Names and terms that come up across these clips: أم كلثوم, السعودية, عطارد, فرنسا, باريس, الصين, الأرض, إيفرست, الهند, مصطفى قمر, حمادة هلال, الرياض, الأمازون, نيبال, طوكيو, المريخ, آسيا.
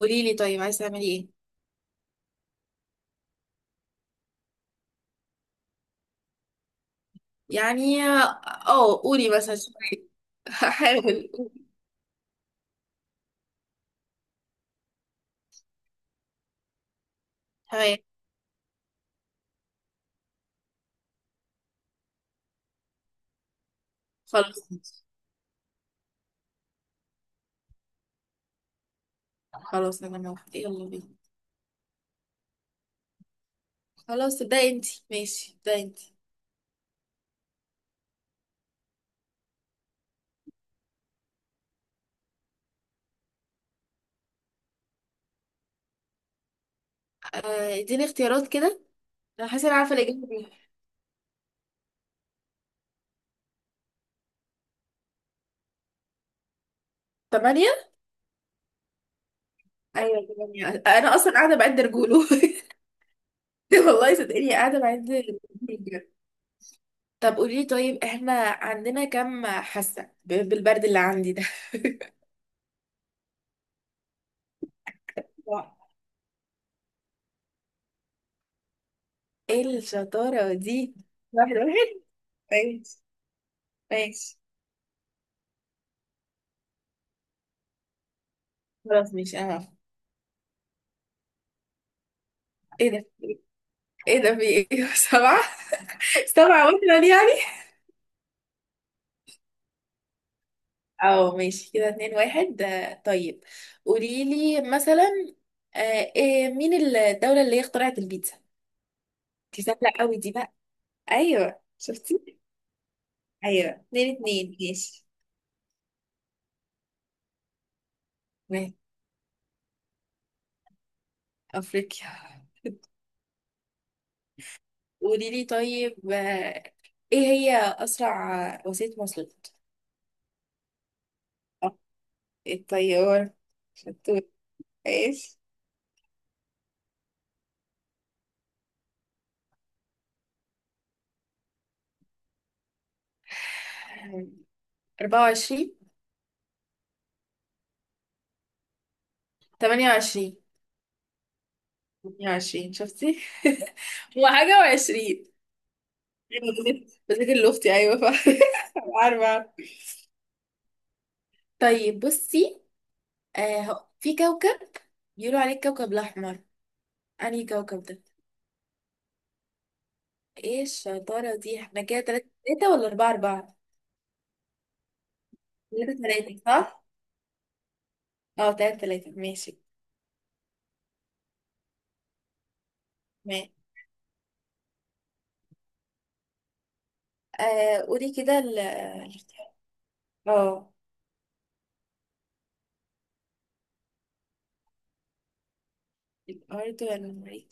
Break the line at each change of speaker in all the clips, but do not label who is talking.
قولي لي طيب عايزة تعملي ايه؟ يعني اه قولي مثلا. هحاول. تمام خلاص. خلاص انا موافقة، يلا بينا. خلاص ده انتي، ماشي ده انتي. اديني اختيارات كده. انا حاسة انا عارفة الاجابة دي. تمانية. ايوه تمانية، انا اصلا قاعدة بعد رجوله. والله صدقني قاعدة بعد رجوله بجد. طب قولي لي طيب، احنا عندنا كام حاسة بالبرد اللي عندي ده. ايه الشطارة دي؟ واحد واحد. ماشي. ماشي خلاص، ماشي انا عارفة. ايه ده؟ ايه ده في ايه؟ سبعة. سبعة مثلا يعني. اه ماشي كده، اتنين واحد، طيب. قولي لي مثلا، إيه، مين الدولة اللي هي اخترعت البيتزا؟ دي سهلة قوي دي بقى. ايوه شفتي. ايوه، اتنين اتنين ماشي. ماشي. افريقيا. قولي لي طيب، ايه هي اسرع وسيلة مواصلات؟ آه، الطيارة. شطور. ايش؟ 24. 28. 20 شفتي. هو حاجة وعشرين. بذاكر لأختي، أيوة ف عارفة عارفة. طيب بصي، في كوكب بيقولوا عليه الكوكب الأحمر، أنهي كوكب ده؟ ايه الشطارة دي؟ احنا كده تلاتة تلاتة ولا أربعة أربعة؟ تلاتة تلاتة صح؟ اه تلاتة تلاتة ماشي. تمام. آه قولي كده الاختيار. اه. الأرض ولا المريخ؟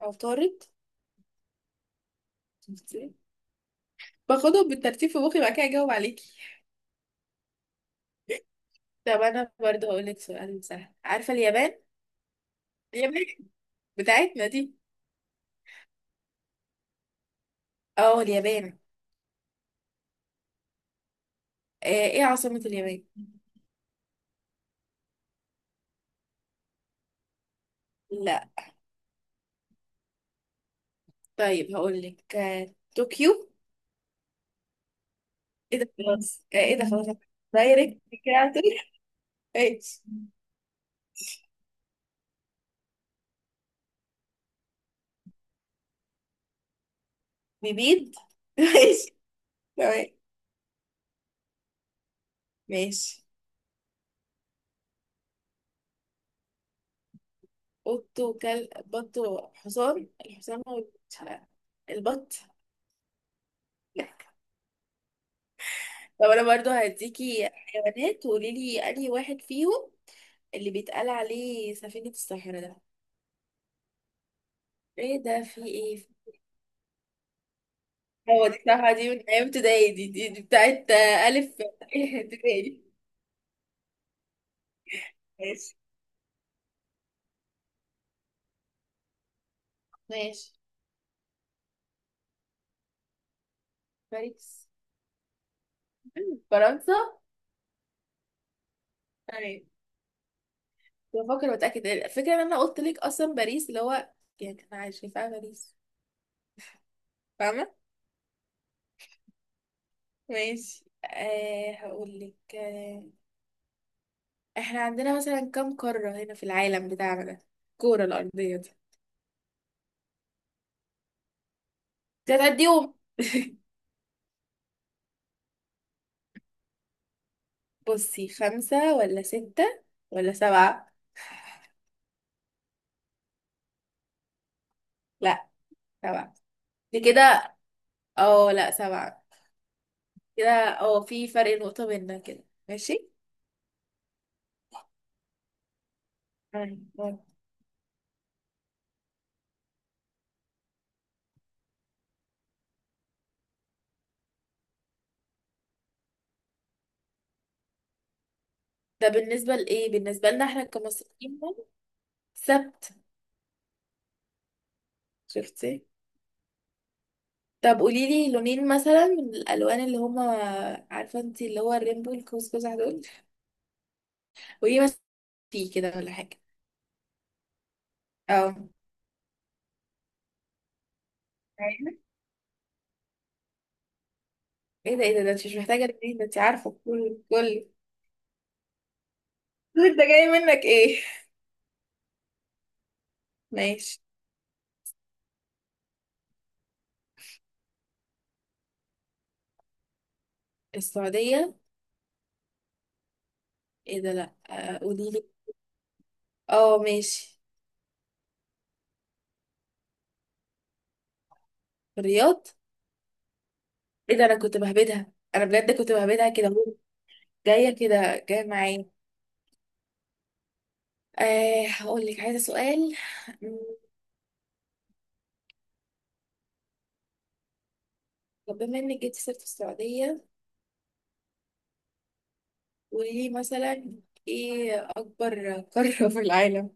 عطارد. شفتي؟ باخدهم بالترتيب في مخي بعد كده أجاوب عليكي. طب انا برضه هقولك سؤال سهل، عارفة اليابان؟ اليابان بتاعتنا دي. اه اليابان. آه ايه عاصمة اليابان؟ لا. طيب هقولك آه طوكيو. ايه ده خلاص، آه ايه ده خلاص. دايركت كده على طول. ماشي. بيبيد ماشي. تمام ماشي. قط وكلب بط وحصان، الحصان هو، مش عارف. البط. لا. طب انا برضه هديكي حيوانات وقولي لي انهي واحد فيهم اللي بيتقال عليه سفينة الصحراء ده. ايه ده في ايه؟ هو دي صراحة دي من ايام ابتدائي، دي دي بتاعت الف. ابتدائي. ماشي. ماشي. باريس. فرنسا. تمام. بفكر واتاكد الفكره، ان انا قلت لك اصلا باريس اللي هو، يعني كان عايش شايفاها باريس، فاهمه. ماشي أه هقول لك أه، احنا عندنا مثلا كم قاره هنا في العالم بتاعنا ده، الكوره الارضيه دي؟ تتعديهم. بصي، خمسه ولا سته ولا سبعه؟ لا سبعه. دي كده، اه لا سبعه كده. اه في فرق نقطة بيننا كده، ماشي. أيوة. ده بالنسبة لإيه؟ بالنسبة لنا احنا كمصريين هم؟ سبت. شفتي. طب قولي لي لونين مثلا من الألوان اللي هما، عارفة انت اللي هو الرينبو القوس قزح دول؟ قولي مثلا، فيه كده ولا حاجة. اه. أيوة. ايه ده؟ ايه ده؟ ده انت مش محتاجة لونين، ده انت عارفة كل. انت جاي منك ايه؟ ماشي. السعودية. ايه ده لأ، قولي لي. اه ماشي. الرياض. ايه ده انا كنت بهبدها، انا بجد كنت بهبدها كده، جاية كده جاية معايا. أه هقول لك عايزة سؤال. مم، طب بما انك جبتي سيرة السعودية، قولي لي مثلا، ايه أكبر قارة في العالم؟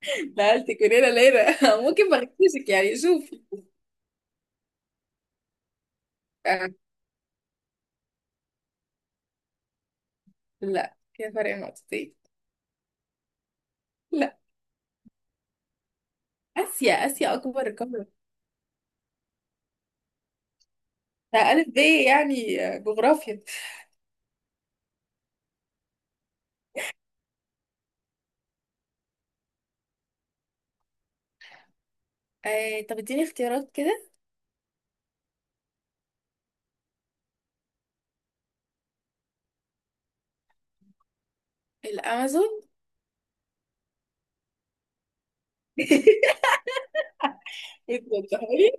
نقلتك من هنا لهنا. ممكن ما أغششك يعني، شوفي. آه. لا، كده فرق نقطتين. لا. آسيا، آسيا أكبر قارة. ده ألف ب يعني جغرافيا. أه طب اديني اختيارات كده. الأمازون. بتوضحي.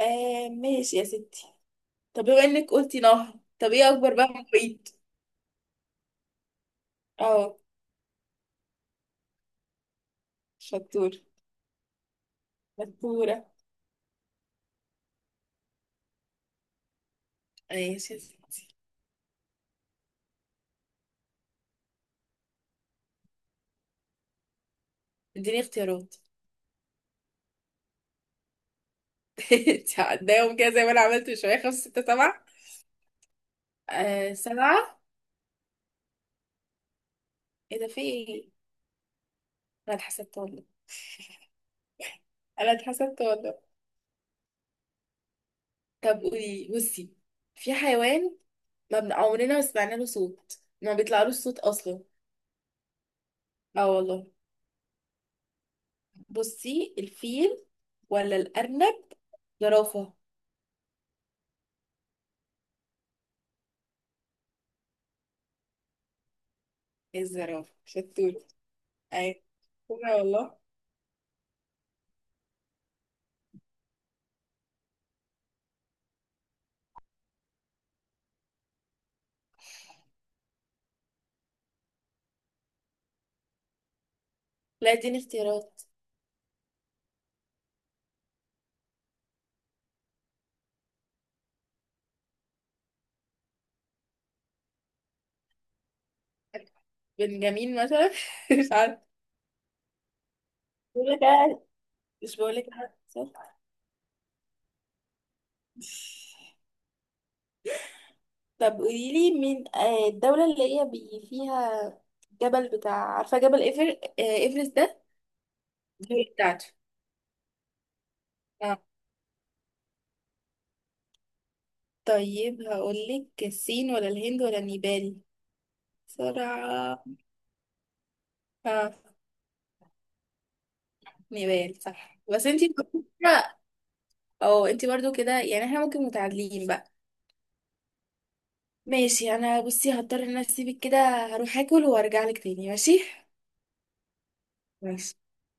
آه ماشي يا ستي. طب بما انك قلتي نهر، طب ايه اكبر بقى محيط؟ اه. شطور. شطورة. ماشي يا ستي. اديني اختيارات. انت هتضايقهم كده زي ما انا عملت من شويه، خمسة ستة سبعة. آه سبعة. ايه ده في ايه؟ انا اتحسدت والله. انا اتحسدت والله. طب قولي. بصي، في حيوان ما بن... عمرنا ما سمعنا له صوت، ما بيطلعلوش صوت اصلا. اه والله. بصي، الفيل ولا الارنب، زرافة. ايه الزرافة شطور. اي والله. لا اديني اختيارات. بنجامين مثلا. مش عارفة. بقول لك أنا- مش بقول لك أنا- صح. طب قولي لي مين الدولة اللي هي بي فيها جبل بتاع، عارفة جبل إيفرست ده، دي بتاعته. اه. طيب هقول لك الصين ولا الهند ولا نيبال، بسرعة. اه نيبال صح، بس انتي. اه انتي برضو كده، يعني احنا ممكن متعادلين بقى. ماشي. انا بصي هضطر ان أنا اسيبك كده، هروح اكل وارجع لك تاني. ماشي. ماشي.